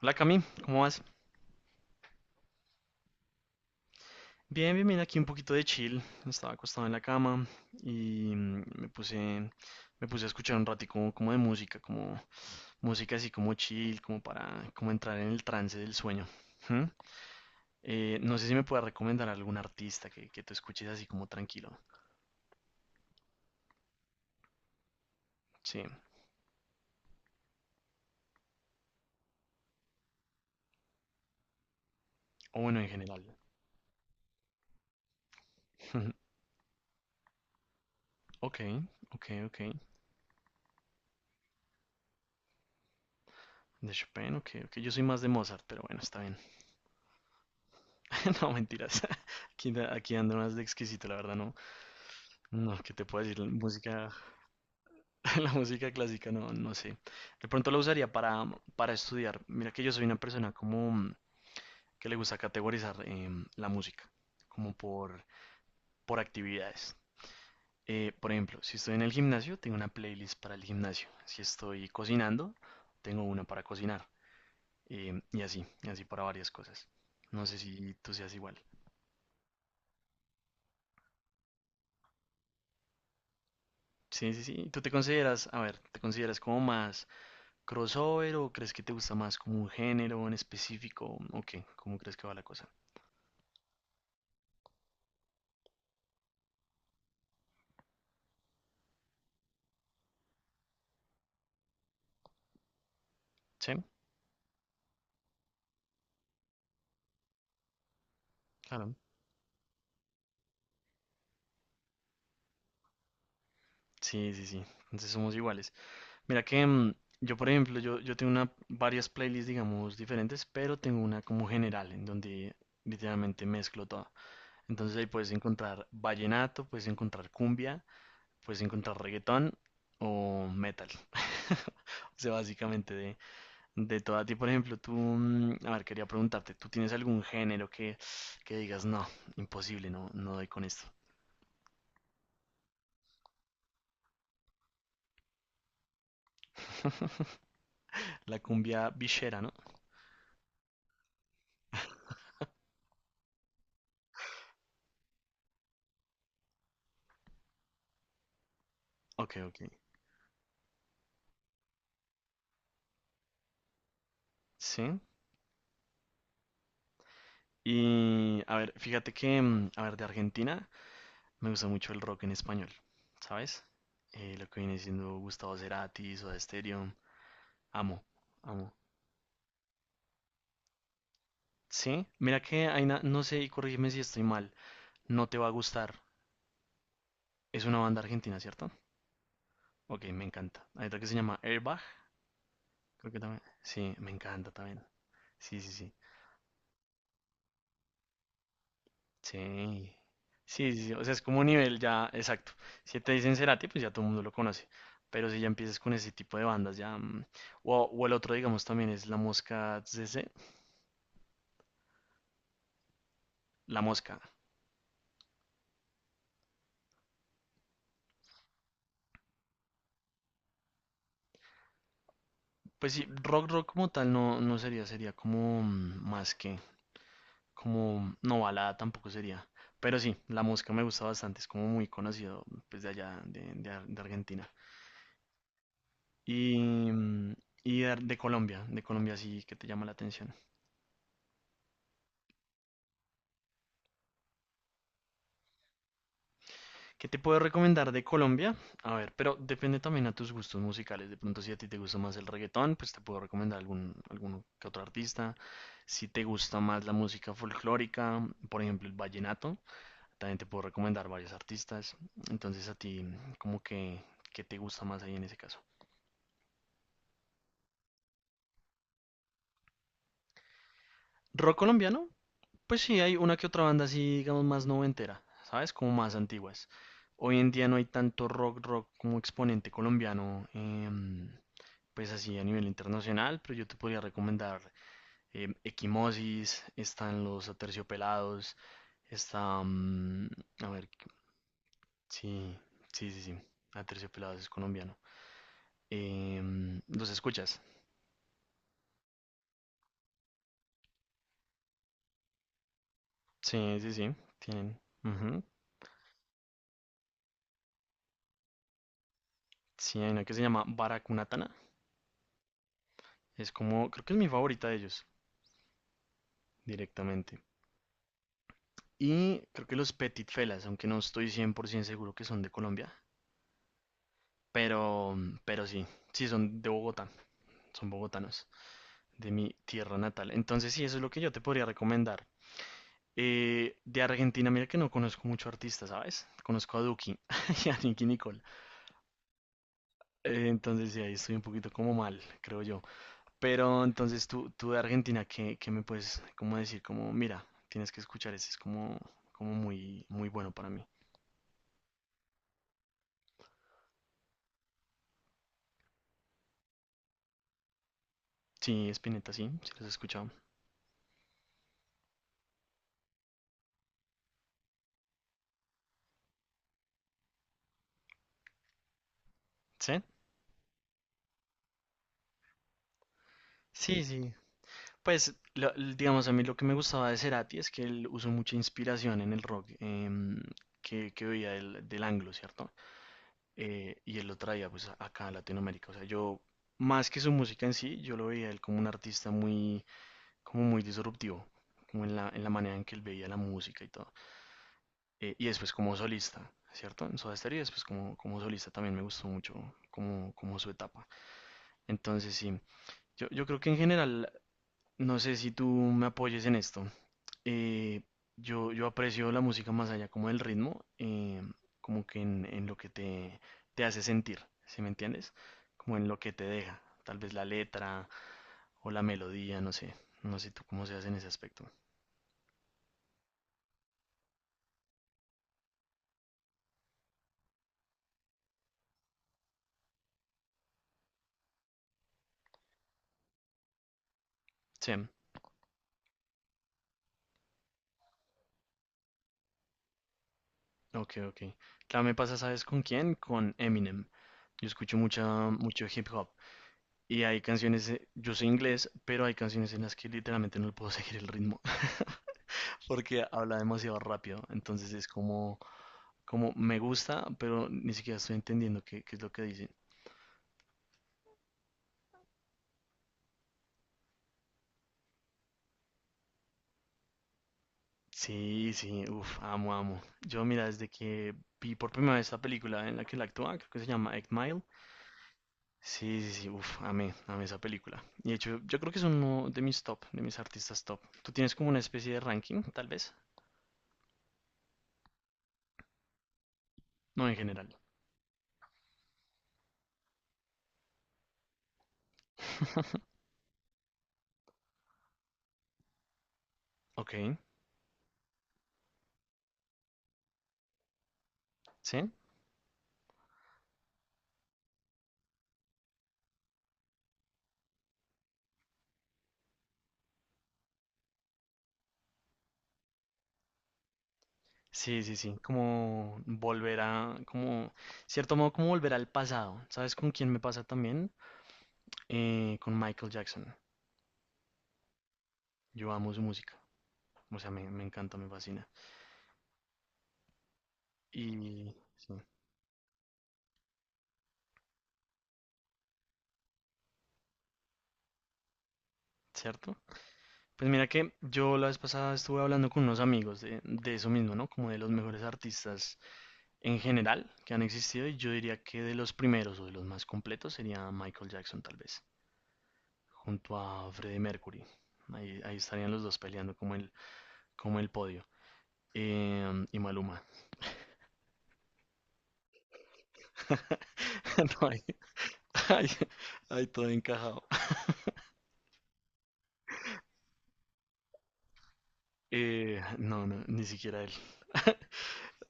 Hola Cami, ¿cómo vas? Bien, bien, bien, aquí un poquito de chill. Estaba acostado en la cama y me puse a escuchar un ratico como de música, como música así como chill, como para como entrar en el trance del sueño. ¿Mm? No sé si me puedes recomendar algún artista que tú escuches así como tranquilo. Sí, o bueno, en general. Ok, ok, ok. De Chopin, ok, ok. Yo soy más de Mozart, pero bueno, está bien. No, mentiras. Aquí ando más de exquisito, la verdad, no. No, ¿qué te puedo decir? La música, la música clásica, no, no sé. De pronto la usaría para estudiar. Mira que yo soy una persona como que le gusta categorizar la música, como por, por actividades. Por ejemplo, si estoy en el gimnasio, tengo una playlist para el gimnasio. Si estoy cocinando, tengo una para cocinar. Y así, y así para varias cosas. No sé si tú seas igual. Sí, sí, sí. ¿Tú te consideras, a ver, ¿Te consideras como más ¿Crossover o crees que te gusta más como un género en específico? ¿O qué? ¿Cómo crees que va la cosa? ¿Sí? Claro. Sí, sí, sí. Entonces somos iguales. Mira que yo, por ejemplo, yo tengo varias playlists, digamos, diferentes, pero tengo una como general, en donde literalmente mezclo todo. Entonces ahí puedes encontrar vallenato, puedes encontrar cumbia, puedes encontrar reggaetón o metal. O sea, básicamente de toda ti, por ejemplo, tú, a ver, quería preguntarte, ¿tú tienes algún género que digas, no, imposible, no, no doy con esto? La cumbia villera, ¿no? Ok, ok. Sí. Y, a ver, fíjate a ver, de Argentina me gusta mucho el rock en español, ¿sabes? Lo que viene siendo Gustavo Cerati, Soda Stereo, amo, amo. Sí, mira que hay no sé, y corrígeme si estoy mal, no te va a gustar. Es una banda argentina, ¿cierto? Ok, me encanta. Hay otra que se llama Airbag. Creo que también. Sí, me encanta también. Sí, sí, sí. Sí. Sí, sí, sí. O sea, es como un nivel ya exacto. Si te dicen Cerati, pues ya todo el mundo lo conoce. Pero si ya empiezas con ese tipo de bandas, ya. O el otro, digamos, también es La Mosca CC. La Mosca. Pues sí, rock, rock como tal no, no sería. Sería como más que. Como. No, balada tampoco sería. Pero sí, La Mosca me gusta bastante. Es como muy conocido, pues de allá, de de Argentina. y, mm, y de Colombia sí que te llama la atención. ¿Qué te puedo recomendar de Colombia? A ver, pero depende también a tus gustos musicales. De pronto, si a ti te gusta más el reggaetón, pues te puedo recomendar algún que otro artista. Si te gusta más la música folclórica, por ejemplo, el vallenato, también te puedo recomendar varios artistas. Entonces, a ti, como que, ¿Qué te gusta más ahí en ese caso? Rock colombiano, pues sí, hay una que otra banda así, digamos, más noventera, ¿sabes? Como más antiguas. Hoy en día no hay tanto rock, rock como exponente colombiano, pues así a nivel internacional, pero yo te podría recomendar Equimosis, están los Aterciopelados, está... mm, a ver, sí, sí, sí, sí, Aterciopelados es colombiano. ¿Los escuchas? Sí, sí, sí, tienen. Ujú. Sí, hay una que se llama Baracunatana, es como, creo que es mi favorita de ellos. Directamente. Y creo que los Petit Felas, aunque no estoy 100% seguro que son de Colombia, pero, pero sí, sí son de Bogotá, son bogotanos, de mi tierra natal. Entonces sí, eso es lo que yo te podría recomendar. De Argentina, mira que no conozco mucho artista, ¿sabes? Conozco a Duki y a Nicki Nicole. Entonces sí, ahí estoy un poquito como mal, creo yo. Pero entonces tú de Argentina, ¿qué me puedes como decir? Como, mira, tienes que escuchar ese, es como, como muy bueno para mí. Sí, Spinetta, sí, sí los he escuchado. ¿Sí? Sí, sí. Pues, digamos, a mí lo que me gustaba de Cerati es que él usó mucha inspiración en el rock que veía del anglo, ¿cierto? Y él lo traía pues acá a Latinoamérica. O sea, yo, más que su música en sí, yo lo veía él como un artista muy, como muy disruptivo, como en la manera en que él veía la música y todo. Y después como solista, ¿cierto? En Soda Stereo y después como, como solista también me gustó mucho como su etapa. Entonces sí, yo creo que en general, no sé si tú me apoyes en esto. eh, yo aprecio la música más allá como del ritmo, como que en lo que te hace sentir, ¿sí me entiendes? Como en lo que te deja, tal vez la letra o la melodía, no sé, no sé tú cómo seas en ese aspecto. Sí, ok, ok. Claro, me pasa, ¿sabes con quién? Con Eminem. Yo escucho mucho hip hop. Y hay canciones, yo soy inglés, pero hay canciones en las que literalmente no le puedo seguir el ritmo. Porque habla demasiado rápido. Entonces es como, como me gusta, pero ni siquiera estoy entendiendo qué es lo que dicen. Sí, sí, uff, amo, amo. Yo, mira, desde que vi por primera vez esta película en la que él actúa, creo que se llama Eight Mile. Sí, sí, sí, uff, amé, amé esa película. Y de hecho, yo creo que es uno de mis top, de mis artistas top. ¿Tú tienes como una especie de ranking, tal vez? No, en general. Ok, sí. Sí, sí, sí, como volver a, como, cierto modo, como volver al pasado. ¿Sabes con quién me pasa también? Con Michael Jackson. Yo amo su música, o sea, me encanta, me fascina. Y, sí, ¿cierto? Pues mira que yo la vez pasada estuve hablando con unos amigos de eso mismo, ¿no? Como de los mejores artistas en general que han existido y yo diría que de los primeros o de los más completos sería Michael Jackson tal vez, junto a Freddie Mercury. Ahí estarían los dos peleando como el podio. Y Maluma. No hay, hay, hay todo encajado. No, no, ni siquiera él.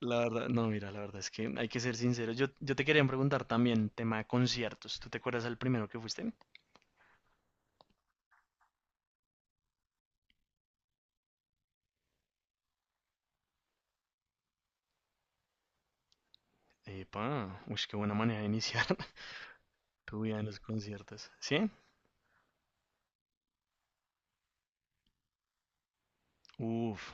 La verdad, no, mira, la verdad es que hay que ser sincero. Yo te quería preguntar también, tema de conciertos. ¿Tú te acuerdas del primero que fuiste? Epa, uy, qué buena manera de iniciar tu vida en los conciertos. ¿Sí? Uf,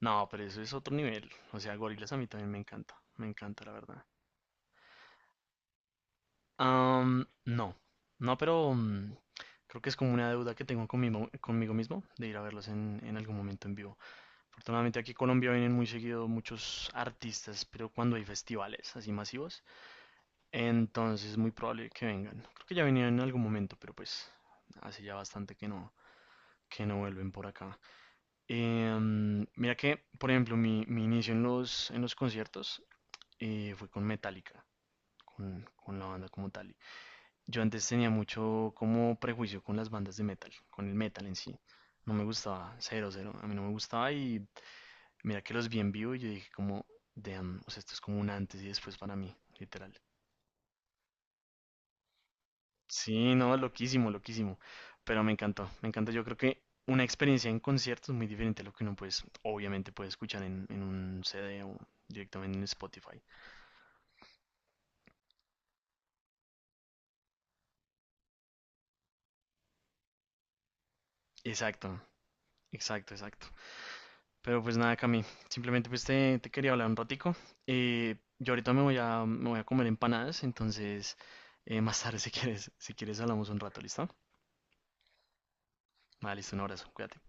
no, pero eso es otro nivel. O sea, Gorillaz a mí también me encanta, la verdad. Am, no, no, pero creo que es como una deuda que tengo conmigo, conmigo mismo de ir a verlos en algún momento en vivo. Afortunadamente aquí en Colombia vienen muy seguido muchos artistas, pero cuando hay festivales así masivos, entonces es muy probable que vengan. Creo que ya venían en algún momento, pero pues hace ya bastante que no vuelven por acá. Mira por ejemplo, mi inicio en en los conciertos fue con Metallica, con la banda como tal. Yo antes tenía mucho como prejuicio con las bandas de metal, con el metal en sí. No me gustaba, cero, cero. A mí no me gustaba y mira que los vi en vivo y yo dije como, damn, o sea, esto es como un antes y después para mí, literal. Sí, no, loquísimo, loquísimo. Pero me encantó, me encanta. Yo creo que una experiencia en concierto es muy diferente a lo que uno pues, obviamente puede escuchar en un CD o directamente en Spotify. Exacto, exacto, exacto. Pero pues nada, Cami, simplemente pues te quería hablar un ratico. Yo ahorita me voy a comer empanadas, entonces más tarde si quieres, si quieres hablamos un rato, ¿listo? Vale, listo, un abrazo, cuídate.